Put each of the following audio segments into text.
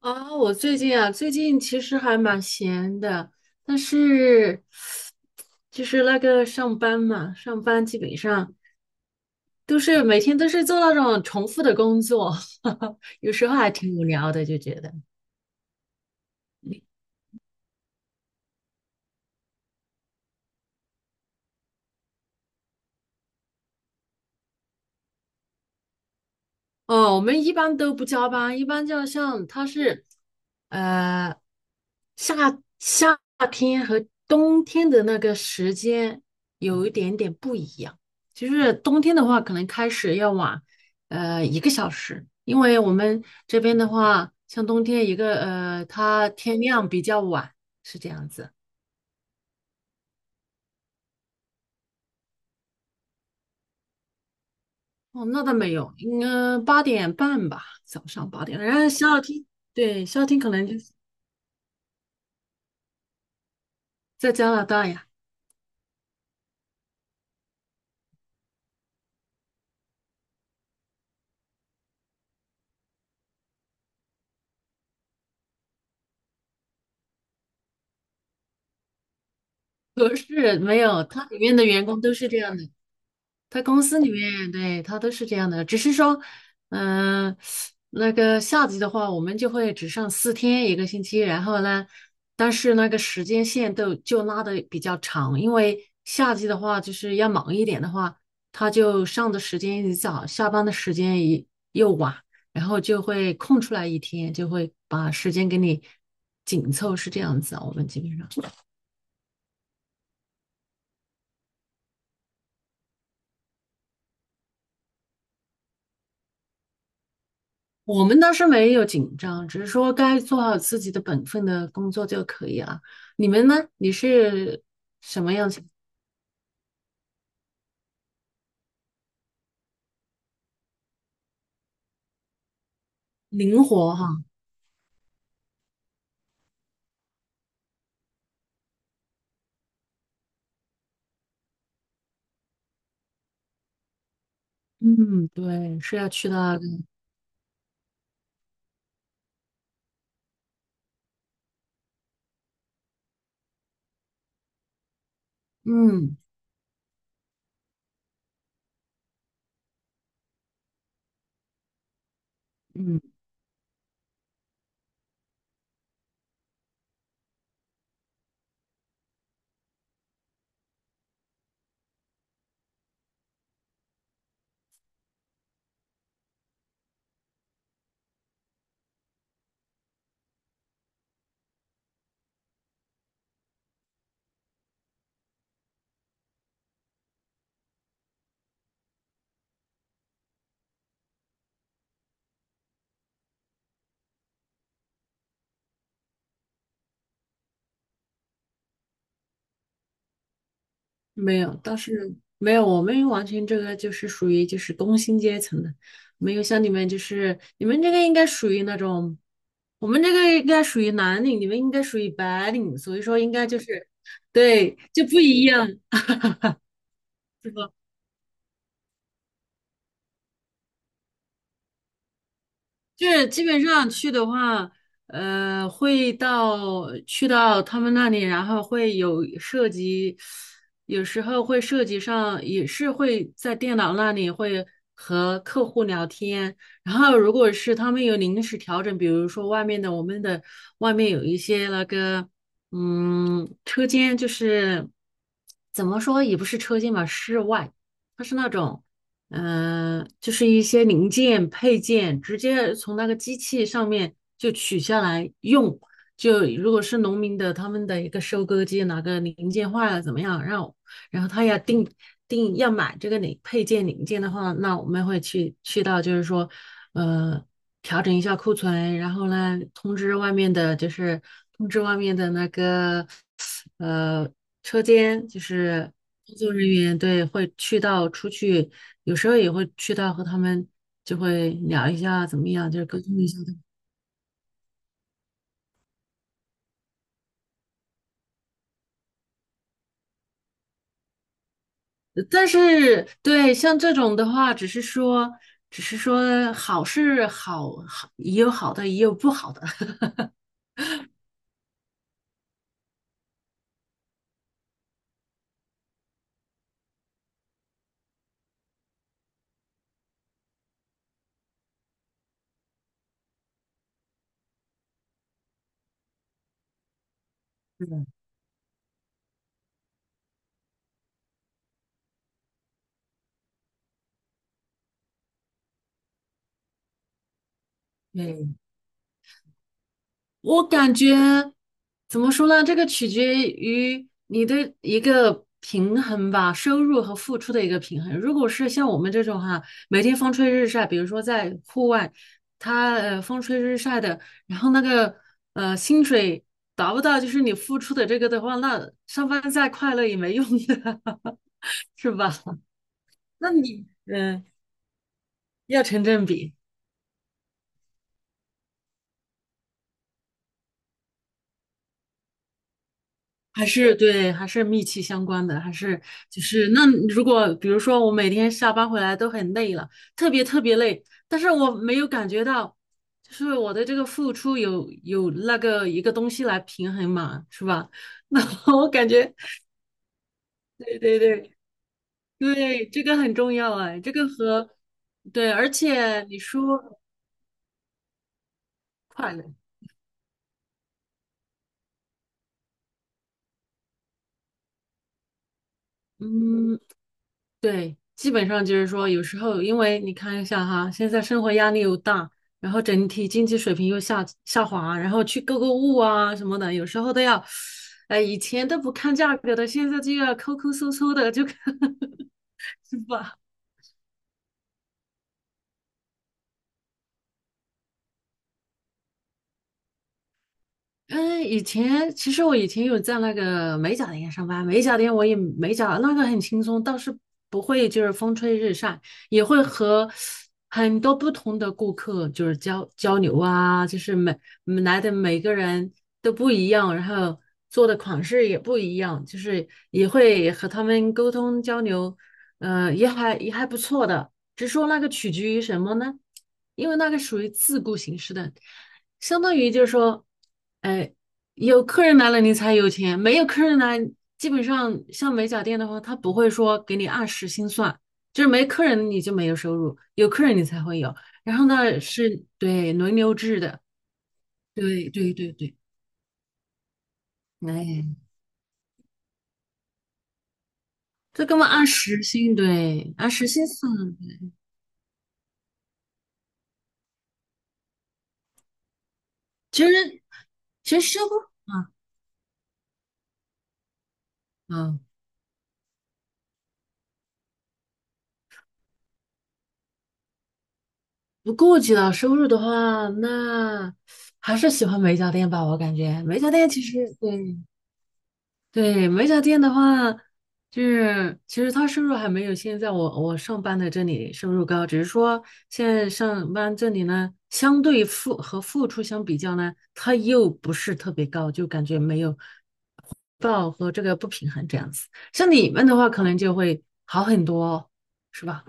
啊，我最近其实还蛮闲的，但是就是那个上班嘛，上班基本上都是每天都是做那种重复的工作，有时候还挺无聊的，就觉得。哦，我们一般都不加班，一般就像它是，呃，夏夏天和冬天的那个时间有一点点不一样。就是冬天的话，可能开始要晚，一个小时，因为我们这边的话，像冬天一个，它天亮比较晚，是这样子。哦，那倒没有，应该八点半吧，早上八点。然后夏天，对，夏天可能就是在加拿大呀。不是，没有，他里面的员工都是这样的，他公司里面对他都是这样的，只是说，嗯、那个夏季的话，我们就会只上四天一个星期，然后呢，但是那个时间线都就拉的比较长，因为夏季的话就是要忙一点的话，他就上的时间一早，下班的时间一又晚，然后就会空出来一天，就会把时间给你紧凑，是这样子啊，我们基本上。我们倒是没有紧张，只是说该做好自己的本分的工作就可以了。你们呢？你是灵活哈？嗯，对，是要去的。嗯嗯，没有，倒是没有。我们完全这个就是属于就是工薪阶层的，没有像你们就是你们这个应该属于那种，我们这个应该属于蓝领，你们应该属于白领，所以说应该就是对就不一样。就是基本上去的话，去到他们那里，然后会有涉及，有时候会涉及上，也是会在电脑那里会和客户聊天。然后如果是他们有临时调整，比如说外面的我们的外面有一些那个，车间就是怎么说也不是车间吧，室外，它是那种。就是一些零件配件，直接从那个机器上面就取下来用。就如果是农民的，他们的一个收割机哪个零件坏了怎么样，让我然后他要定要买这个零配件零件的话，那我们会去到就是说，呃。调整一下库存，然后呢，通知外面的，就是通知外面的那个呃车间，就是工作人员，对，会去到出去，有时候也会去到和他们就会聊一下怎么样，就是沟通一下。但是对像这种的话，只是说好是好，好也有好的，也有不好的。对，我感觉怎么说呢？这个取决于你的一个平衡吧，收入和付出的一个平衡。如果是像我们这种哈，每天风吹日晒，比如说在户外，他风吹日晒的，然后那个薪水达不到就是你付出的这个的话，那上班再快乐也没用的，是吧？那你要成正比。还是对，还是密切相关的，还是就是那如果比如说我每天下班回来都很累了，特别特别累，但是我没有感觉到，就是我的这个付出有那个一个东西来平衡嘛，是吧？那我感觉，对对对对，这个很重要哎，这个和对，而且你说快乐，嗯，对，基本上就是说，有时候因为你看一下哈，现在生活压力又大，然后整体经济水平又下滑，然后去购物啊什么的，有时候都要，哎，以前都不看价格的，现在就要抠抠搜搜的，就看 是吧？嗯，以前其实我以前有在那个美甲店上班，美甲店我也美甲，那个很轻松，倒是不会就是风吹日晒，也会和很多不同的顾客就是交流啊，就是来的每个人都不一样，然后做的款式也不一样，就是也会和他们沟通交流，也还不错的，只是说那个取决于什么呢？因为那个属于自雇形式的。相当于就是说，哎，有客人来了你才有钱，没有客人来，基本上像美甲店的话，他不会说给你按时薪算，就是没客人你就没有收入，有客人你才会有。然后呢，是对轮流制的，对对对对，哎，这根本按时薪，对，按时薪算。其实其实收入啊啊，不顾及到收入的话，那还是喜欢美甲店吧，我感觉美甲店其实对。对，美甲店的话，就是其实他收入还没有现在我上班的这里收入高，只是说现在上班这里呢，相对付和付出相比较呢，它又不是特别高，就感觉没有回报和这个不平衡这样子。像你们的话，可能就会好很多哦，是吧？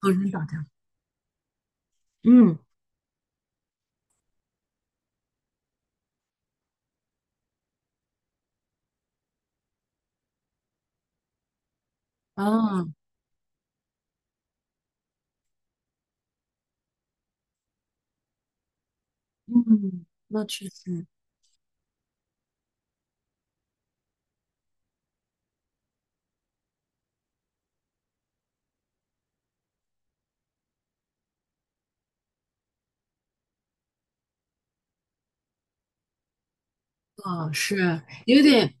和人打交道，嗯，啊，嗯，那确实。啊是有点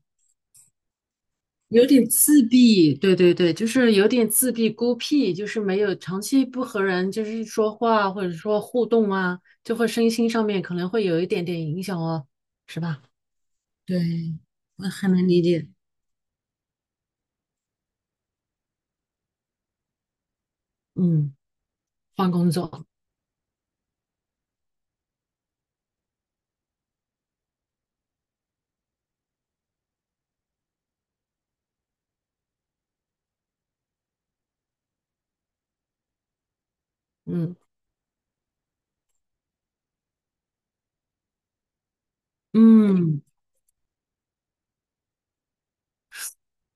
有点自闭，对对对，就是有点自闭孤僻，就是没有长期不和人就是说话或者说互动啊，就会身心上面可能会有一点点影响哦，是吧？对，我很能理解。嗯，换工作，嗯嗯。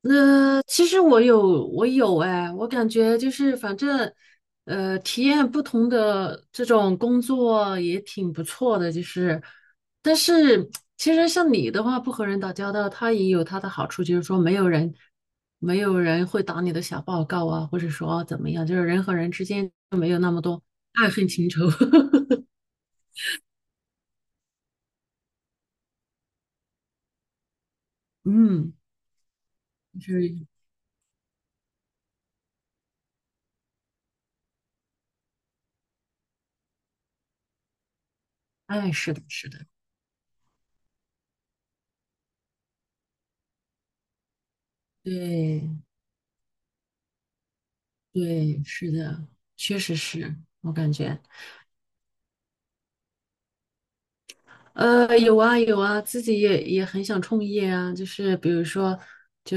其实我有，哎，我感觉就是反正，体验不同的这种工作也挺不错的，就是，但是其实像你的话，不和人打交道，他也有他的好处，就是说没有人，没有人会打你的小报告啊，或者说怎么样，就是人和人之间就没有那么多爱恨情仇。嗯，就是，哎，是的，是的，对对，是的，确实是我感觉。有啊有啊，自己也很想创业啊，就是比如说，就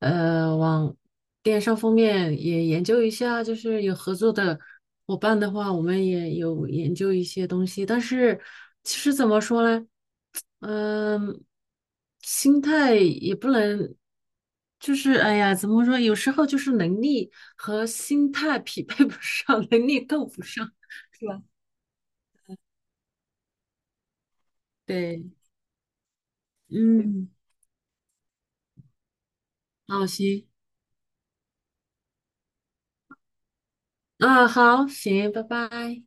往电商方面也研究一下，就是有合作的伙伴的话，我们也有研究一些东西。但是其实怎么说呢，嗯、心态也不能，就是哎呀，怎么说？有时候就是能力和心态匹配不上，能力够不上，是吧？对，嗯，好，行。啊，好，行，拜拜。